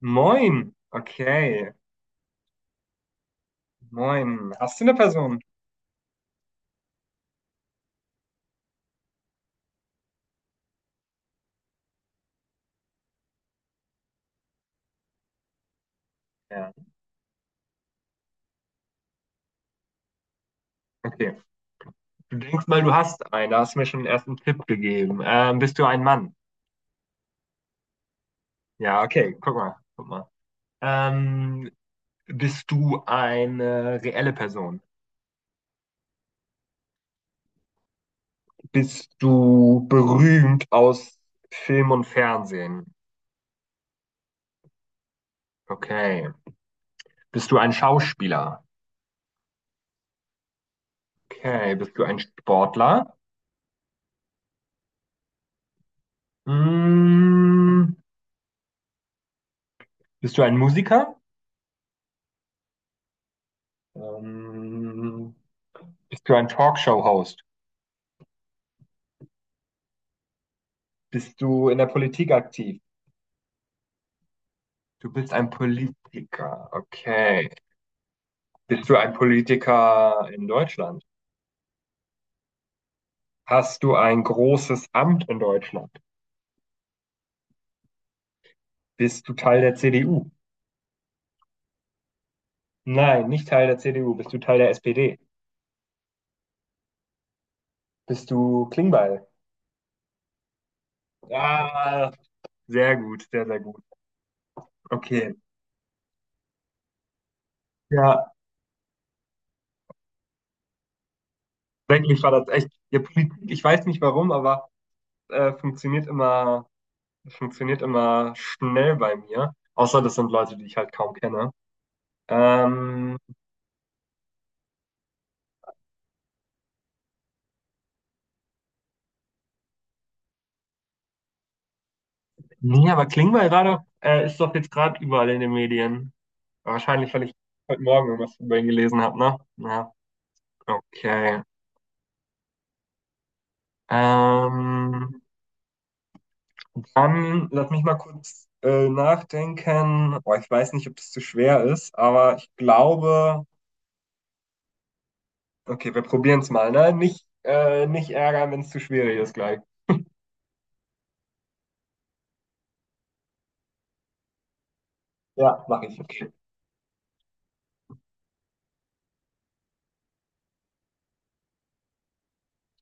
Moin. Okay. Moin. Hast du eine Person? Ja. Okay. Du denkst mal, du hast einen. Da hast du mir schon den ersten Tipp gegeben. Bist du ein Mann? Ja, okay. Guck mal. Guck mal. Ähm, Bist du eine reelle Person? Bist du berühmt aus Film und Fernsehen? Okay. Bist du ein Schauspieler? Okay. Bist du ein Sportler? Mm, Bist du ein Musiker? Ähm, Bist du ein Talkshow-Host? Bist du in der Politik aktiv? Du bist ein Politiker. Okay. Bist du ein Politiker in Deutschland? Hast du ein großes Amt in Deutschland? Bist du Teil der CDU? Nein, nicht Teil der CDU. Bist du Teil der SPD? Bist du Klingbeil? Ah, sehr gut, sehr, sehr gut. Okay. Ja, eigentlich war das echt. Ja, Politik, ich weiß nicht warum, aber äh, funktioniert immer, funktioniert immer schnell bei mir. Außer das sind Leute, die ich halt kaum kenne. Ähm, Nee, aber Klingbeil war doch, ist doch jetzt gerade überall in den Medien. Wahrscheinlich, weil ich heute Morgen irgendwas über ihn gelesen habe, ne? Ja, okay. Ähm, Dann lass mich mal kurz nachdenken. Boah, ich weiß nicht, ob das zu schwer ist, aber ich glaube, okay, wir probieren es mal, ne? Nicht ärgern, wenn es zu schwierig ist gleich. Ja, mache ich. Okay.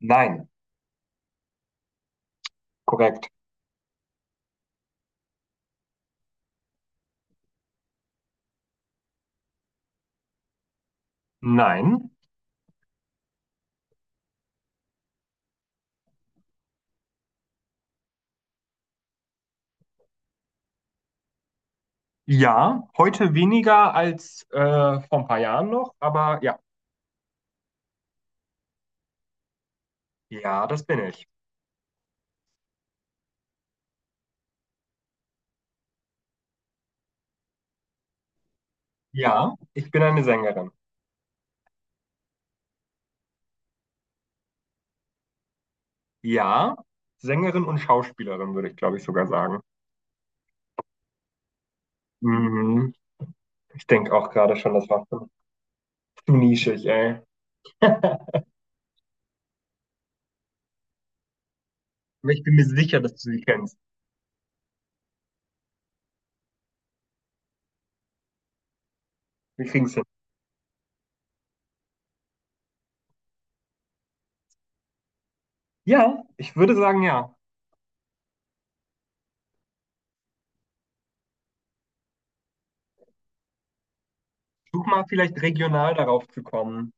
Nein, korrekt. Nein. Ja, heute weniger als vor ein paar Jahren noch, aber ja. Ja, das bin ich. Ja, ich bin eine Sängerin. Ja, Sängerin und Schauspielerin, würde ich, glaube ich, sogar sagen. Mhm. Ich denke auch gerade schon, das war zu nischig, ey. Aber ich bin mir sicher, dass du sie kennst. Wir kriegen es hin. Ja, ich würde sagen, ja. Versuch mal vielleicht regional darauf zu kommen.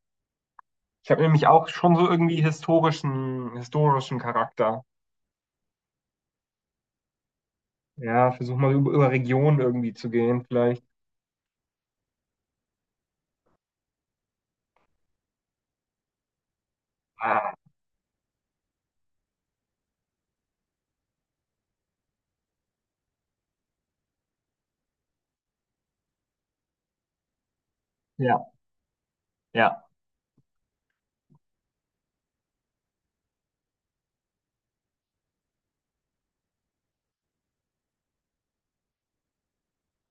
Ich habe nämlich auch schon so irgendwie historischen Charakter. Ja, versuch mal über, über Regionen irgendwie zu gehen, vielleicht. Ah, ja, ja.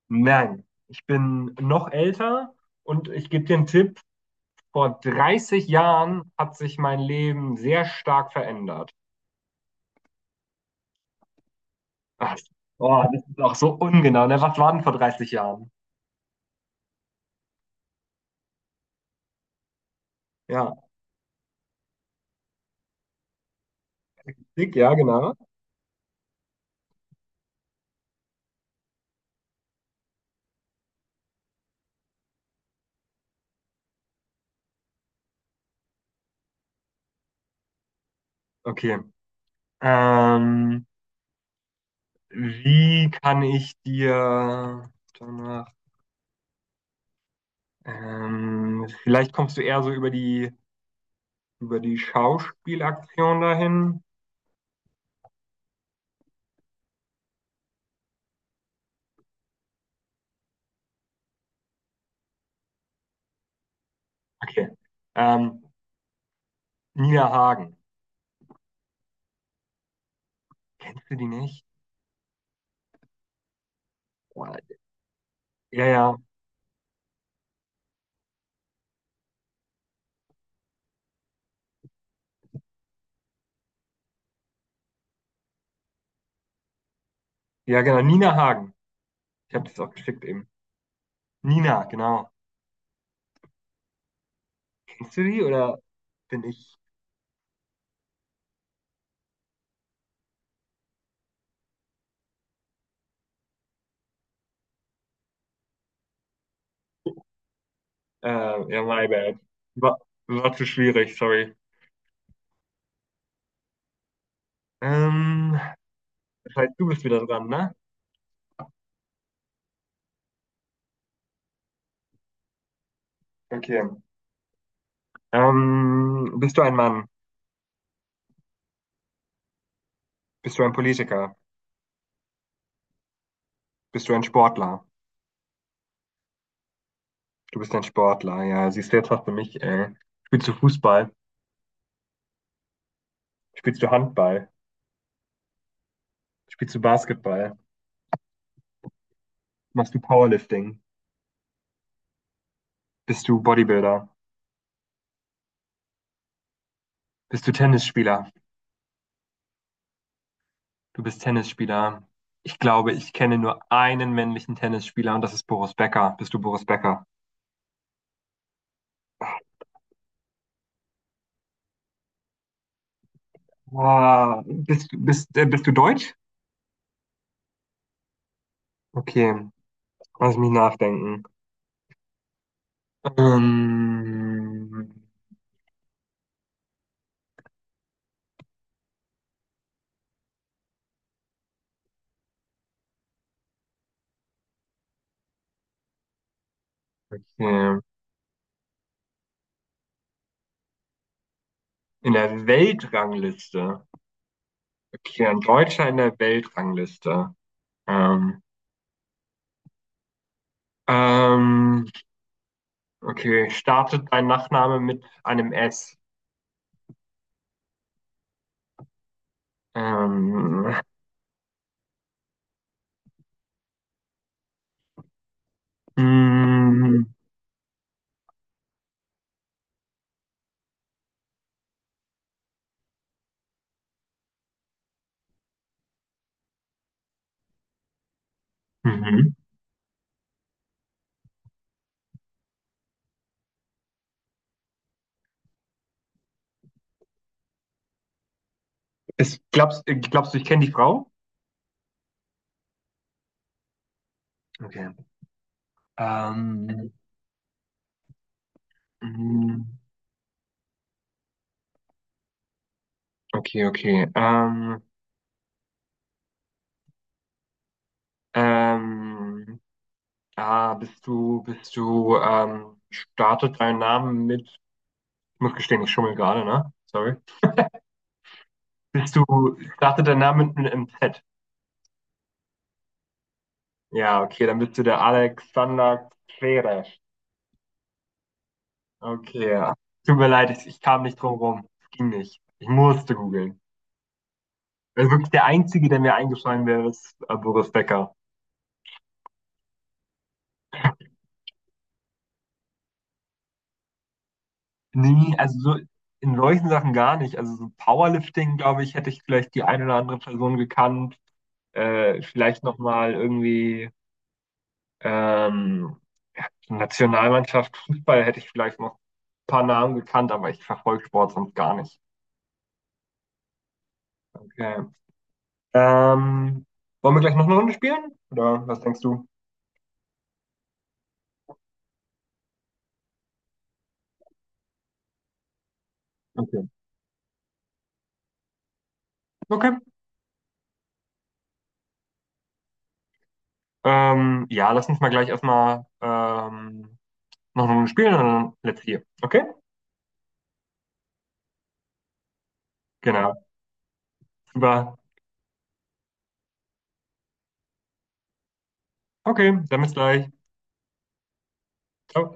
Nein, ich bin noch älter und ich gebe dir einen Tipp. Vor 30 Jahren hat sich mein Leben sehr stark verändert. Ach, oh, das ist auch so ungenau. Ne? Was war denn vor 30 Jahren? Ja, dick, ja, genau. Okay. Ähm, Wie kann ich dir danach, vielleicht kommst du eher so über über die Schauspielaktion dahin. Okay. Ähm, Nina Hagen. Kennst du die nicht? Ja, ja. Ja, genau. Nina Hagen. Ich habe das auch geschickt eben. Nina, genau. Kennst du die oder bin ich? Äh, ja, my bad. War, war zu schwierig, sorry. Ähm, Das heißt, du bist wieder dran, ne? Okay. Bist du ein Mann? Bist du ein Politiker? Bist du ein Sportler? Du bist ein Sportler, ja. Siehst du, jetzt hast du mich, ey. Spielst du Fußball? Spielst du Handball? Spielst du Basketball? Machst du Powerlifting? Bist du Bodybuilder? Bist du Tennisspieler? Du bist Tennisspieler. Ich glaube, ich kenne nur einen männlichen Tennisspieler und das ist Boris Becker. Bist du Boris Becker? Ah, bist du Deutsch? Okay, lass mich nachdenken. Ähm, okay. In der Weltrangliste. Okay, ein Deutscher in der Weltrangliste. Ähm, ähm, okay, startet dein Nachname mit einem S? Ähm, mm, mhm. Glaubst du, ich kenne die Frau? Okay. Ähm, mm, okay, okay. Ähm, bist du, startet dein Name mit, ich muss gestehen, ich schummel gerade, ne? Sorry. Bist du, startet dein Name mit einem MZ? Ja, okay, dann bist du der Alexander Zverev. Okay, ja. Tut mir leid, ich kam nicht drum rum. Es ging nicht. Ich musste googeln. Also wirklich der Einzige, der mir eingefallen wäre, ist Boris Becker. Nee, also so in solchen Sachen gar nicht. Also so Powerlifting, glaube ich, hätte ich vielleicht die eine oder andere Person gekannt. Vielleicht nochmal irgendwie Ähm, Nationalmannschaft, Fußball hätte ich vielleicht noch ein paar Namen gekannt, aber ich verfolge Sport sonst gar nicht. Okay. Ähm, Wollen wir gleich noch eine Runde spielen? Oder was denkst du? Okay. Okay. Ja, lass uns mal gleich erstmal noch eine Runde spielen und dann let's hier. Okay? Genau. Super. Okay, dann bis gleich. Ciao.